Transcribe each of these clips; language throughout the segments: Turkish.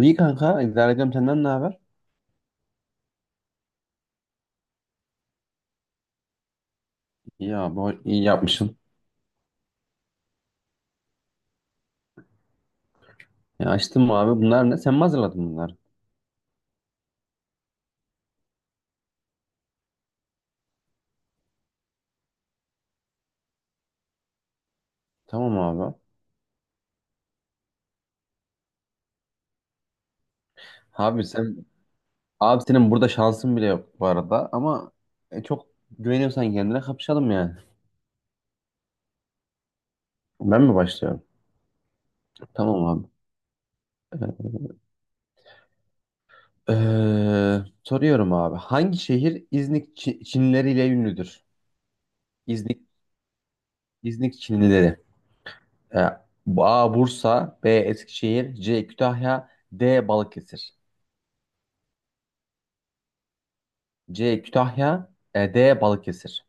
İyi kanka, idare. Senden ne haber? İyi abi, iyi yapmışsın. Ya açtım abi. Bunlar ne? Sen mi hazırladın bunları? Tamam abi. Abi sen, abi senin burada şansın bile yok bu arada ama çok güveniyorsan kendine kapışalım yani. Ben mi başlıyorum? Tamam abi. Soruyorum abi. Hangi şehir İznik Çinileriyle ünlüdür? İznik. İznik Çinlileri. Ee, A. Bursa, B. Eskişehir, C. Kütahya, D. Balıkesir. C. Kütahya, D. Balıkesir.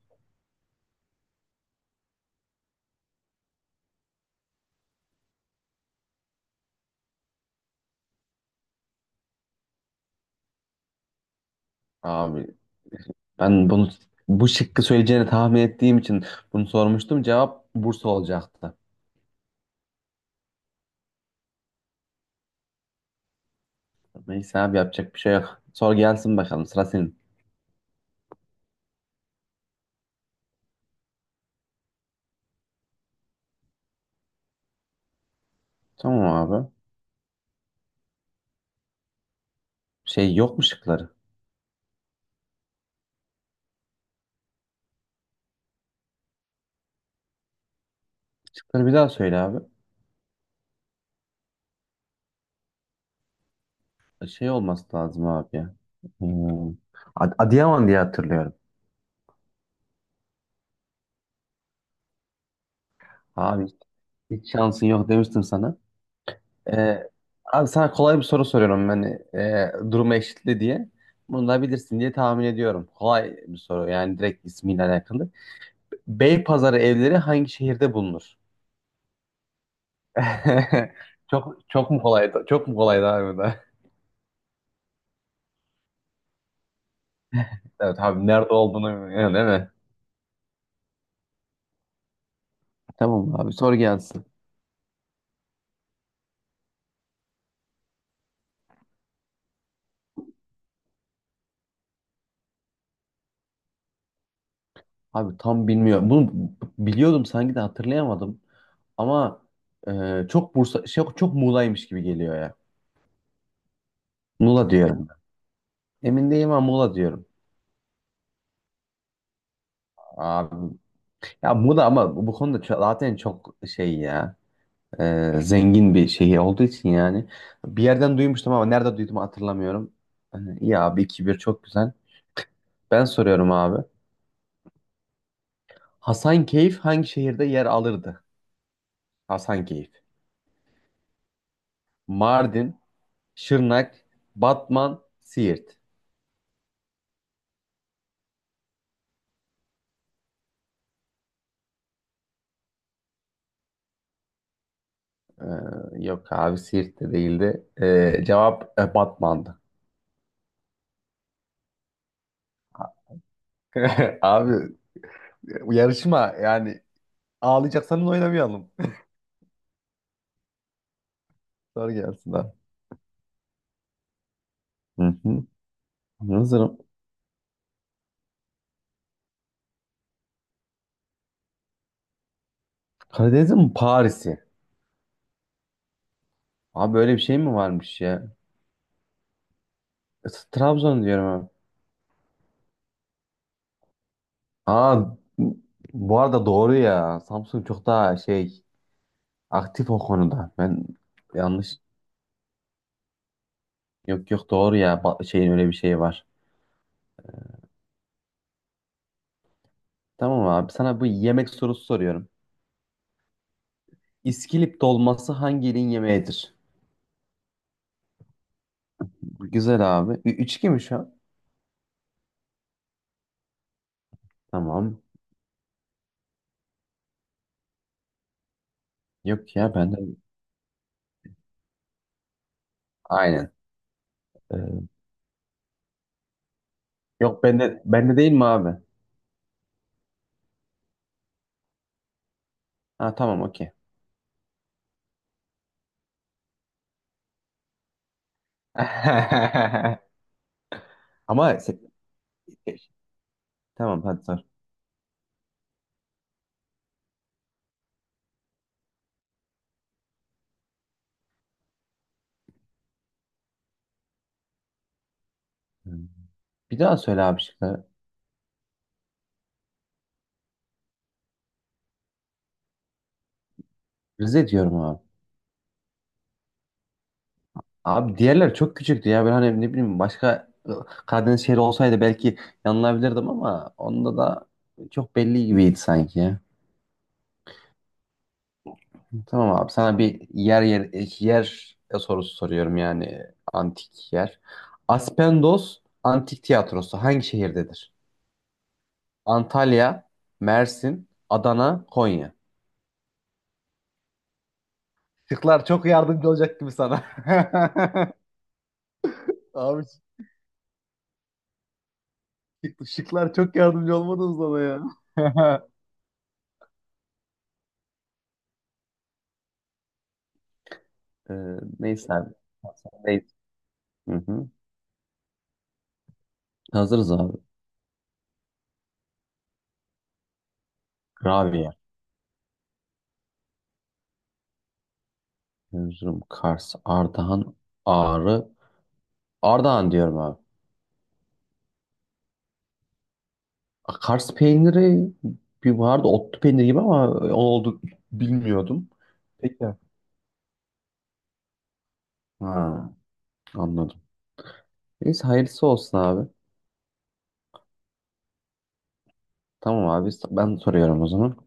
Abi ben bunu, bu şıkkı söyleyeceğini tahmin ettiğim için bunu sormuştum. Cevap Bursa olacaktı. Neyse abi, yapacak bir şey yok. Sor gelsin bakalım, sıra senin. Tamam abi. Şey, yok mu şıkları? Şıkları bir daha söyle abi. Şey olması lazım abi ya. Hmm. Adıyaman diye hatırlıyorum. Abi hiç şansın yok demiştim sana. Ee, Abi sana kolay bir soru soruyorum ben. Durumu eşitli diye. Bunu da bilirsin diye tahmin ediyorum. Kolay bir soru, yani direkt ismiyle alakalı. Beypazarı evleri hangi şehirde bulunur? Çok, çok mu kolaydı? Çok mu kolaydı abi bu da? Evet abi, nerede olduğunu bilmiyorum değil mi? Tamam abi, sor gelsin. Abi tam bilmiyorum. Bunu biliyordum sanki de hatırlayamadım. Ama e, çok Bursa şey, çok Muğla'ymış gibi geliyor ya. Muğla diyorum. Emin değilim ama Muğla diyorum. Abi ya, Muğla. Ama bu konuda zaten çok şey ya. Zengin bir şehir olduğu için yani. Bir yerden duymuştum ama nerede duydum hatırlamıyorum. Hani, iyi abi, 2-1 çok güzel. Ben soruyorum abi. Hasankeyf hangi şehirde yer alırdı? Hasankeyf. Mardin, Şırnak, Batman, Siirt. Ee, Yok abi, Siirt de değildi. Cevap Batman'dı. Abi, yarışma yani, ağlayacaksanız oynamayalım. Soru gelsin abi. Hı hı. Hazırım. Karadeniz'in mi Paris'i? Abi böyle bir şey mi varmış ya? E, Trabzon diyorum abi. Aa, bu arada doğru ya. Samsung çok daha şey, aktif o konuda. Ben yanlış. Yok yok, doğru ya. Şeyin öyle bir şeyi var. Tamam abi, sana bu yemek sorusu soruyorum. İskilip dolması hangi ilin yemeğidir? Güzel abi. Üç 2 mi şu an? Tamam. Yok ya, bende. Aynen. Ee, Yok bende, bende değil mi abi? Ha, tamam, okey. Ama se- tamam, hadi sor. Bir daha söyle abi şıkları. Rize diyorum abi. Abi diğerler çok küçüktü ya. Ben hani ne bileyim, başka Karadeniz şehri olsaydı belki yanılabilirdim ama onda da çok belli gibiydi sanki ya. Tamam abi, sana bir yer sorusu soruyorum yani, antik yer. Aspendos Antik Tiyatrosu hangi şehirdedir? Antalya, Mersin, Adana, Konya. Şıklar çok yardımcı olacak gibi sana. Abi, Şıklar çok yardımcı olmadınız bana ya. Ee, Neyse abi. Neyse. Hı hı. Hazırız abi. Rabia. Erzurum, Kars, Ardahan, Ağrı. Ardahan diyorum abi. A, Kars peyniri bir vardı, otlu peynir gibi, ama onu oldu bilmiyordum. Peki. Ha, anladım. Neyse, hayırlısı olsun abi. Tamam abi, ben soruyorum o zaman.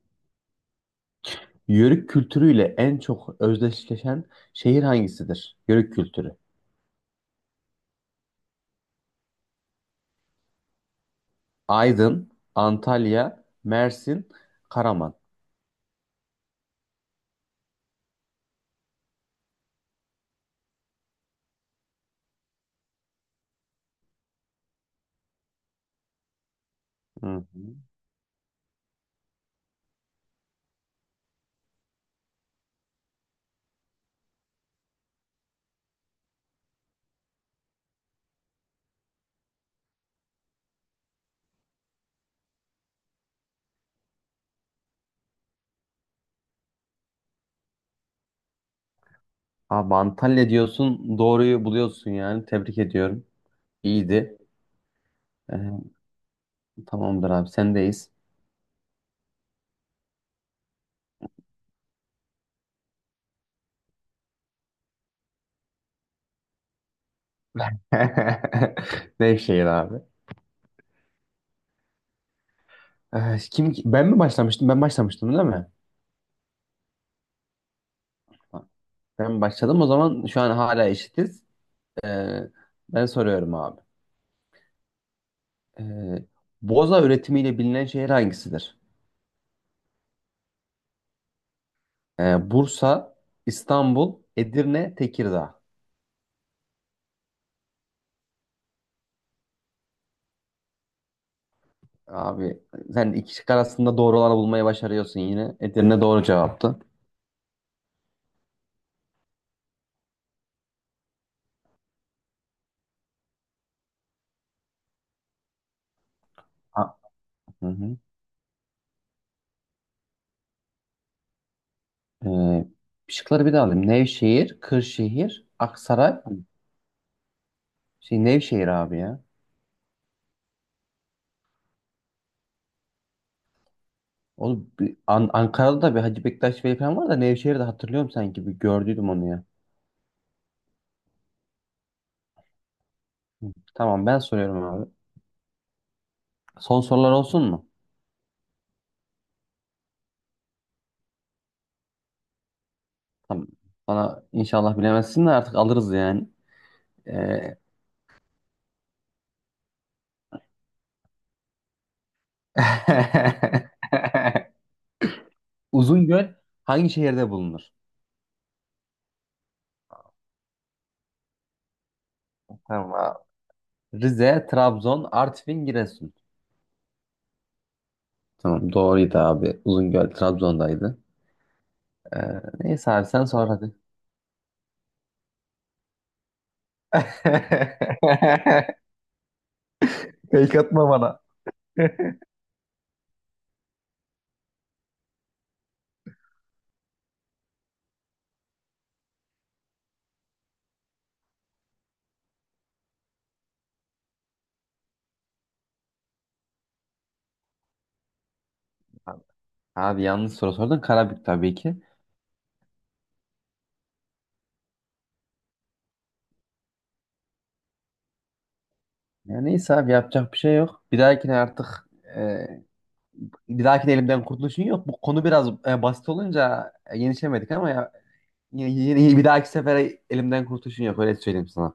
Yörük kültürüyle en çok özdeşleşen şehir hangisidir? Yörük kültürü. Aydın, Antalya, Mersin, Karaman. Hı hı. Abi Antalya diyorsun, doğruyu buluyorsun yani. Tebrik ediyorum. İyiydi. Ee, Tamamdır abi, sendeyiz. Nevşehir abi. Kim, ben mi başlamıştım? Ben başlamıştım değil mi? Ben başladım. O zaman şu an hala eşitiz. Ee, Ben soruyorum abi. Ee, Boza üretimiyle bilinen şehir hangisidir? Bursa, İstanbul, Edirne, Tekirdağ. Abi sen iki şık arasında doğru olanı bulmayı başarıyorsun yine. Edirne doğru cevaptı. Ha, hı hı. Ee, Şıkları bir daha alayım. Nevşehir, Kırşehir, Aksaray. Şey, Nevşehir abi ya. Oğlum, Ankara'da da bir Hacı Bektaş Veli falan var da Nevşehir'de hatırlıyorum sanki. Bir gördüydüm onu ya. Hı. Tamam, ben soruyorum abi. Son sorular olsun mu? Tamam. Bana inşallah bilemezsin de artık alırız yani. Ee... Uzungöl hangi şehirde bulunur? Tamam. Rize, Trabzon, Artvin, Giresun. Tamam, doğruydu abi. Uzungöl Trabzon'daydı. Ee, Neyse abi, sen sor hadi. Fake atma bana. Abi yanlış soru sordun. Karabük tabii ki. Ya neyse abi, yapacak bir şey yok. Bir dahakine artık, e, bir dahakine elimden kurtuluşun yok. Bu konu biraz basit olunca yenişemedik ama ya, bir dahaki sefere elimden kurtuluşun yok. Öyle söyleyeyim sana.